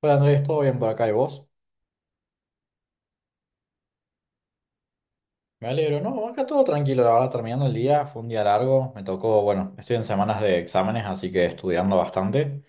Hola Andrés, ¿todo bien por acá y vos? Me alegro, no, acá todo tranquilo, la verdad, terminando el día, fue un día largo, me tocó, bueno, estoy en semanas de exámenes, así que estudiando bastante.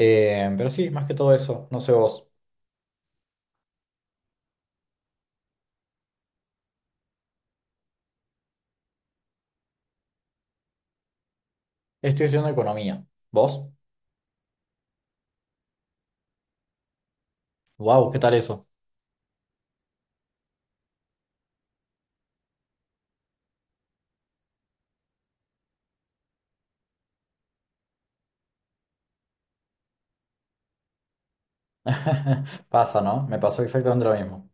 Pero sí, más que todo eso, no sé vos, estoy estudiando economía, ¿vos? Wow, ¿qué tal eso? Pasa, ¿no? Me pasó exactamente lo mismo.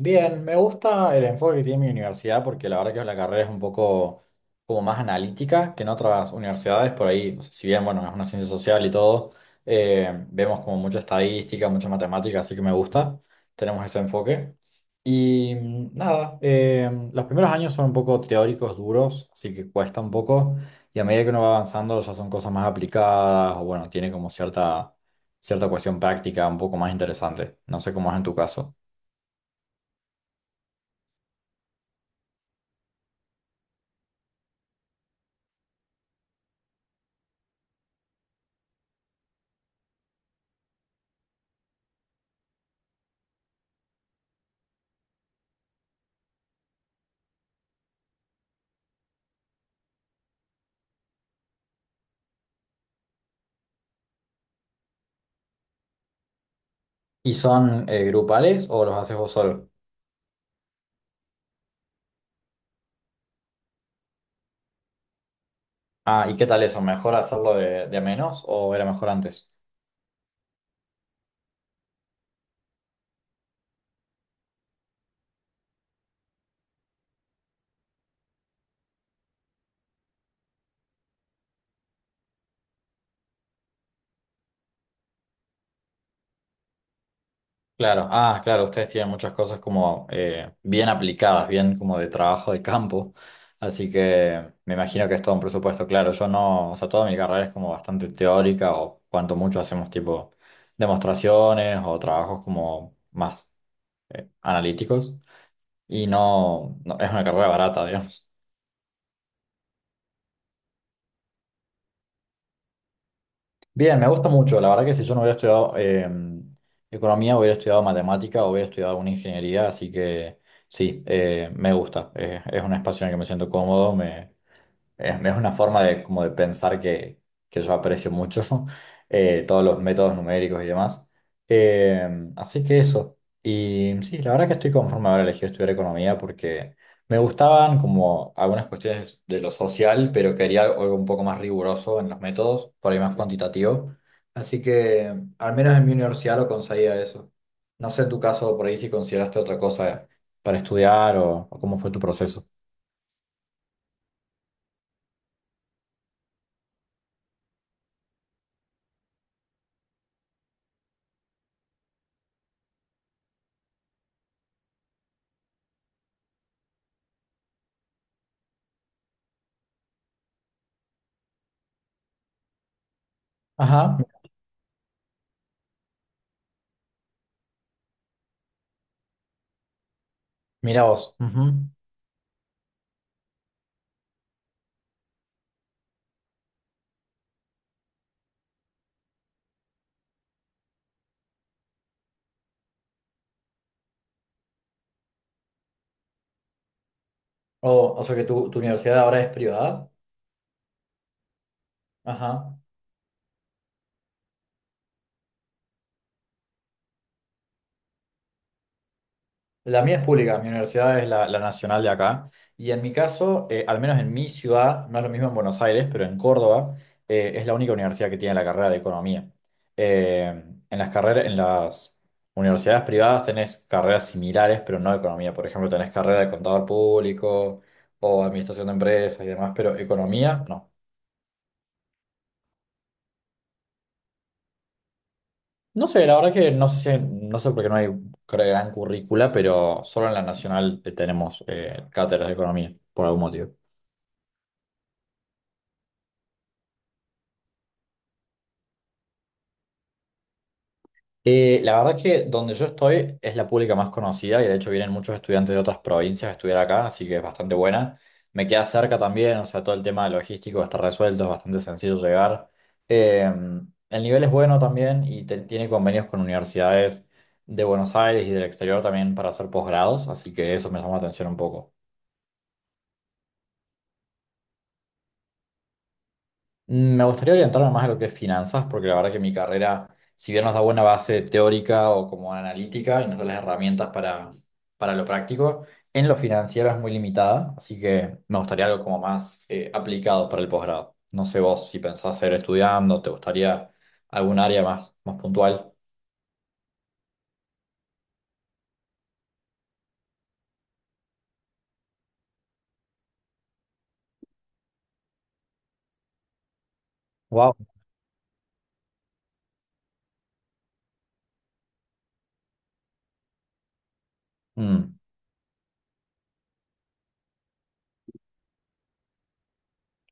Bien, me gusta el enfoque que tiene mi universidad porque la verdad que la carrera es un poco como más analítica que en otras universidades, por ahí, o sea, si bien, bueno, es una ciencia social y todo, vemos como mucha estadística, mucha matemática, así que me gusta, tenemos ese enfoque. Y nada, los primeros años son un poco teóricos, duros, así que cuesta un poco, y a medida que uno va avanzando ya son cosas más aplicadas, o bueno, tiene como cierta, cierta cuestión práctica un poco más interesante, no sé cómo es en tu caso. ¿Y son grupales o los haces vos solo? Ah, ¿y qué tal eso? ¿Mejor hacerlo de a menos o era mejor antes? Claro, ah, claro, ustedes tienen muchas cosas como bien aplicadas, bien como de trabajo de campo, así que me imagino que es todo un presupuesto, claro, yo no, o sea, toda mi carrera es como bastante teórica o cuanto mucho hacemos tipo demostraciones o trabajos como más analíticos y no, no, es una carrera barata, digamos. Bien, me gusta mucho. La verdad que si yo no hubiera estudiado economía, hubiera estudiado matemática, o hubiera estudiado alguna ingeniería, así que sí, me gusta. Es un espacio en el que me siento cómodo, me, es una forma de, como de pensar que yo aprecio mucho, todos los métodos numéricos y demás. Eh, Así que eso. Y sí, la verdad que estoy conforme a haber elegido estudiar economía porque me gustaban como algunas cuestiones de lo social, pero quería algo un poco más riguroso en los métodos, por ahí más cuantitativo. Así que al menos en mi universidad lo conseguía eso. No sé en tu caso por ahí si consideraste otra cosa para estudiar o cómo fue tu proceso. Ajá, mira vos. Ujú. O sea que tu universidad ahora es privada. Ajá. La mía es pública, mi universidad es la nacional de acá. Y en mi caso, al menos en mi ciudad, no es lo mismo en Buenos Aires, pero en Córdoba, es la única universidad que tiene la carrera de economía. En las carreras, en las universidades privadas tenés carreras similares, pero no de economía. Por ejemplo, tenés carrera de contador público o administración de empresas y demás, pero economía no. No sé, la verdad que no sé si- no sé por qué no hay creo, gran currícula, pero solo en la nacional tenemos cátedras de economía, por algún motivo. La verdad que donde yo estoy es la pública más conocida y de hecho vienen muchos estudiantes de otras provincias a estudiar acá, así que es bastante buena. Me queda cerca también, o sea, todo el tema logístico está resuelto, es bastante sencillo llegar. Eh, el nivel es bueno también y te- tiene convenios con universidades de Buenos Aires y del exterior también para hacer posgrados, así que eso me llama la atención un poco. Me gustaría orientarme más a lo que es finanzas, porque la verdad que mi carrera, si bien nos da buena base teórica o como analítica y nos da las herramientas para lo práctico, en lo financiero es muy limitada, así que me gustaría algo como más aplicado para el posgrado. No sé vos si pensás seguir estudiando, te gustaría algún área más, más puntual. Wow.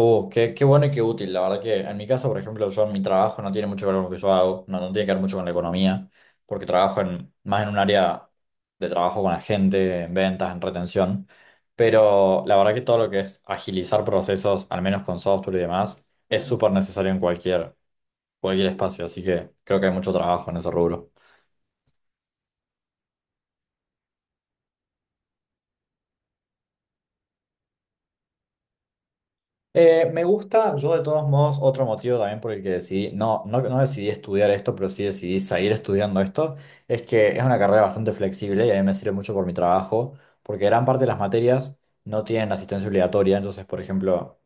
Oh, qué, qué bueno y qué útil. La verdad que en mi caso, por ejemplo, yo en mi trabajo no tiene mucho que ver con lo que yo hago, no, no tiene que ver mucho con la economía, porque trabajo en, más en un área de trabajo con la gente, en ventas, en retención. Pero la verdad que todo lo que es agilizar procesos, al menos con software y demás, es súper necesario en cualquier, cualquier espacio. Así que creo que hay mucho trabajo en ese rubro. Me gusta, yo de todos modos, otro motivo también por el que decidí, no, no, no decidí estudiar esto, pero sí decidí seguir estudiando esto, es que es una carrera bastante flexible y a mí me sirve mucho por mi trabajo, porque gran parte de las materias no tienen asistencia obligatoria, entonces, por ejemplo,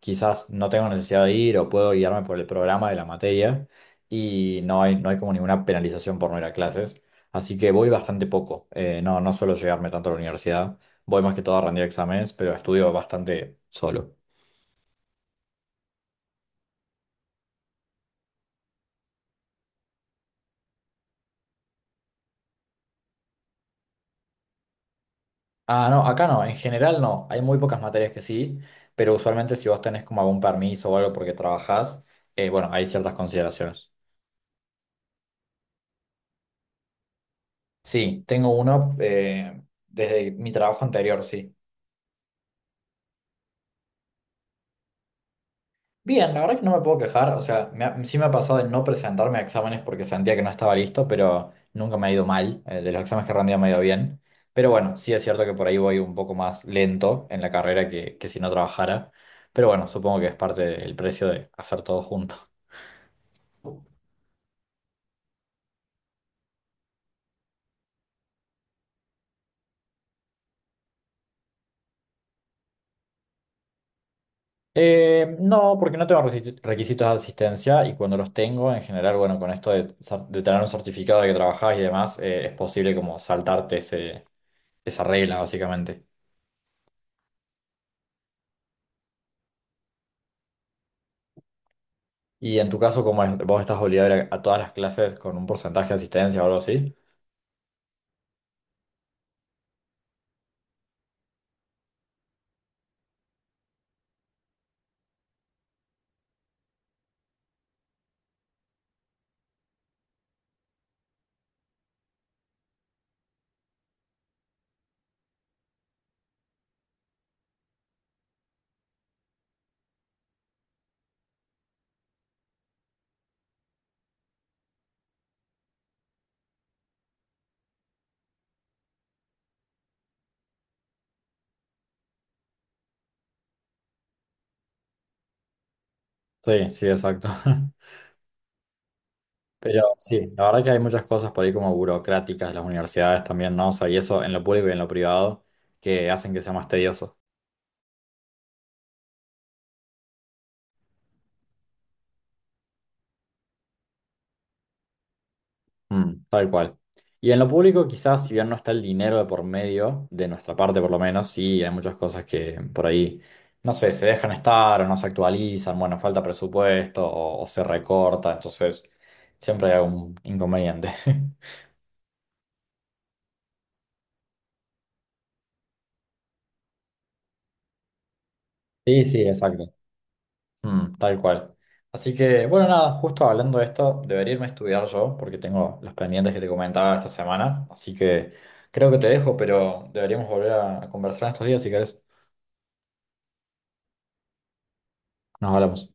quizás no tengo necesidad de ir o puedo guiarme por el programa de la materia y no hay como ninguna penalización por no ir a clases, así que voy bastante poco. No, no suelo llegarme tanto a la universidad, voy más que todo a rendir exámenes, pero estudio bastante solo. Ah, no, acá no, en general no. Hay muy pocas materias que sí, pero usualmente si vos tenés como algún permiso o algo porque trabajás, bueno, hay ciertas consideraciones. Sí, tengo uno desde mi trabajo anterior, sí. Bien, la verdad es que no me puedo quejar, o sea, me ha- sí me ha pasado de no presentarme a exámenes porque sentía que no estaba listo, pero nunca me ha ido mal. De los exámenes que he rendido me ha ido bien. Pero bueno, sí es cierto que por ahí voy un poco más lento en la carrera que si no trabajara. Pero bueno, supongo que es parte del precio de hacer todo junto. No, porque no tengo resi- requisitos de asistencia y cuando los tengo, en general, bueno, con esto de, cer- de tener un certificado de que trabajás y demás, es posible como saltarte ese, esa regla, básicamente. Y en tu caso, como es, vos estás obligado a ir a todas las clases con un porcentaje de asistencia o algo así. Sí, sí, exacto. Pero sí, la verdad que hay muchas cosas por ahí como burocráticas, las universidades también, ¿no? O sea, y eso en lo público y en lo privado, que hacen que sea más tedioso. Mm, tal cual. Y en lo público quizás, si bien no está el dinero de por medio, de nuestra parte por lo menos, sí, hay muchas cosas que por ahí, no sé, se dejan estar o no se actualizan, bueno, falta presupuesto o se recorta, entonces siempre hay algún inconveniente. Sí, sí, exacto. Mm, tal cual. Así que, bueno, nada, justo hablando de esto, debería irme a estudiar yo porque tengo los pendientes que te comentaba esta semana, así que creo que te dejo, pero deberíamos volver a conversar en estos días si querés. Nos hablamos.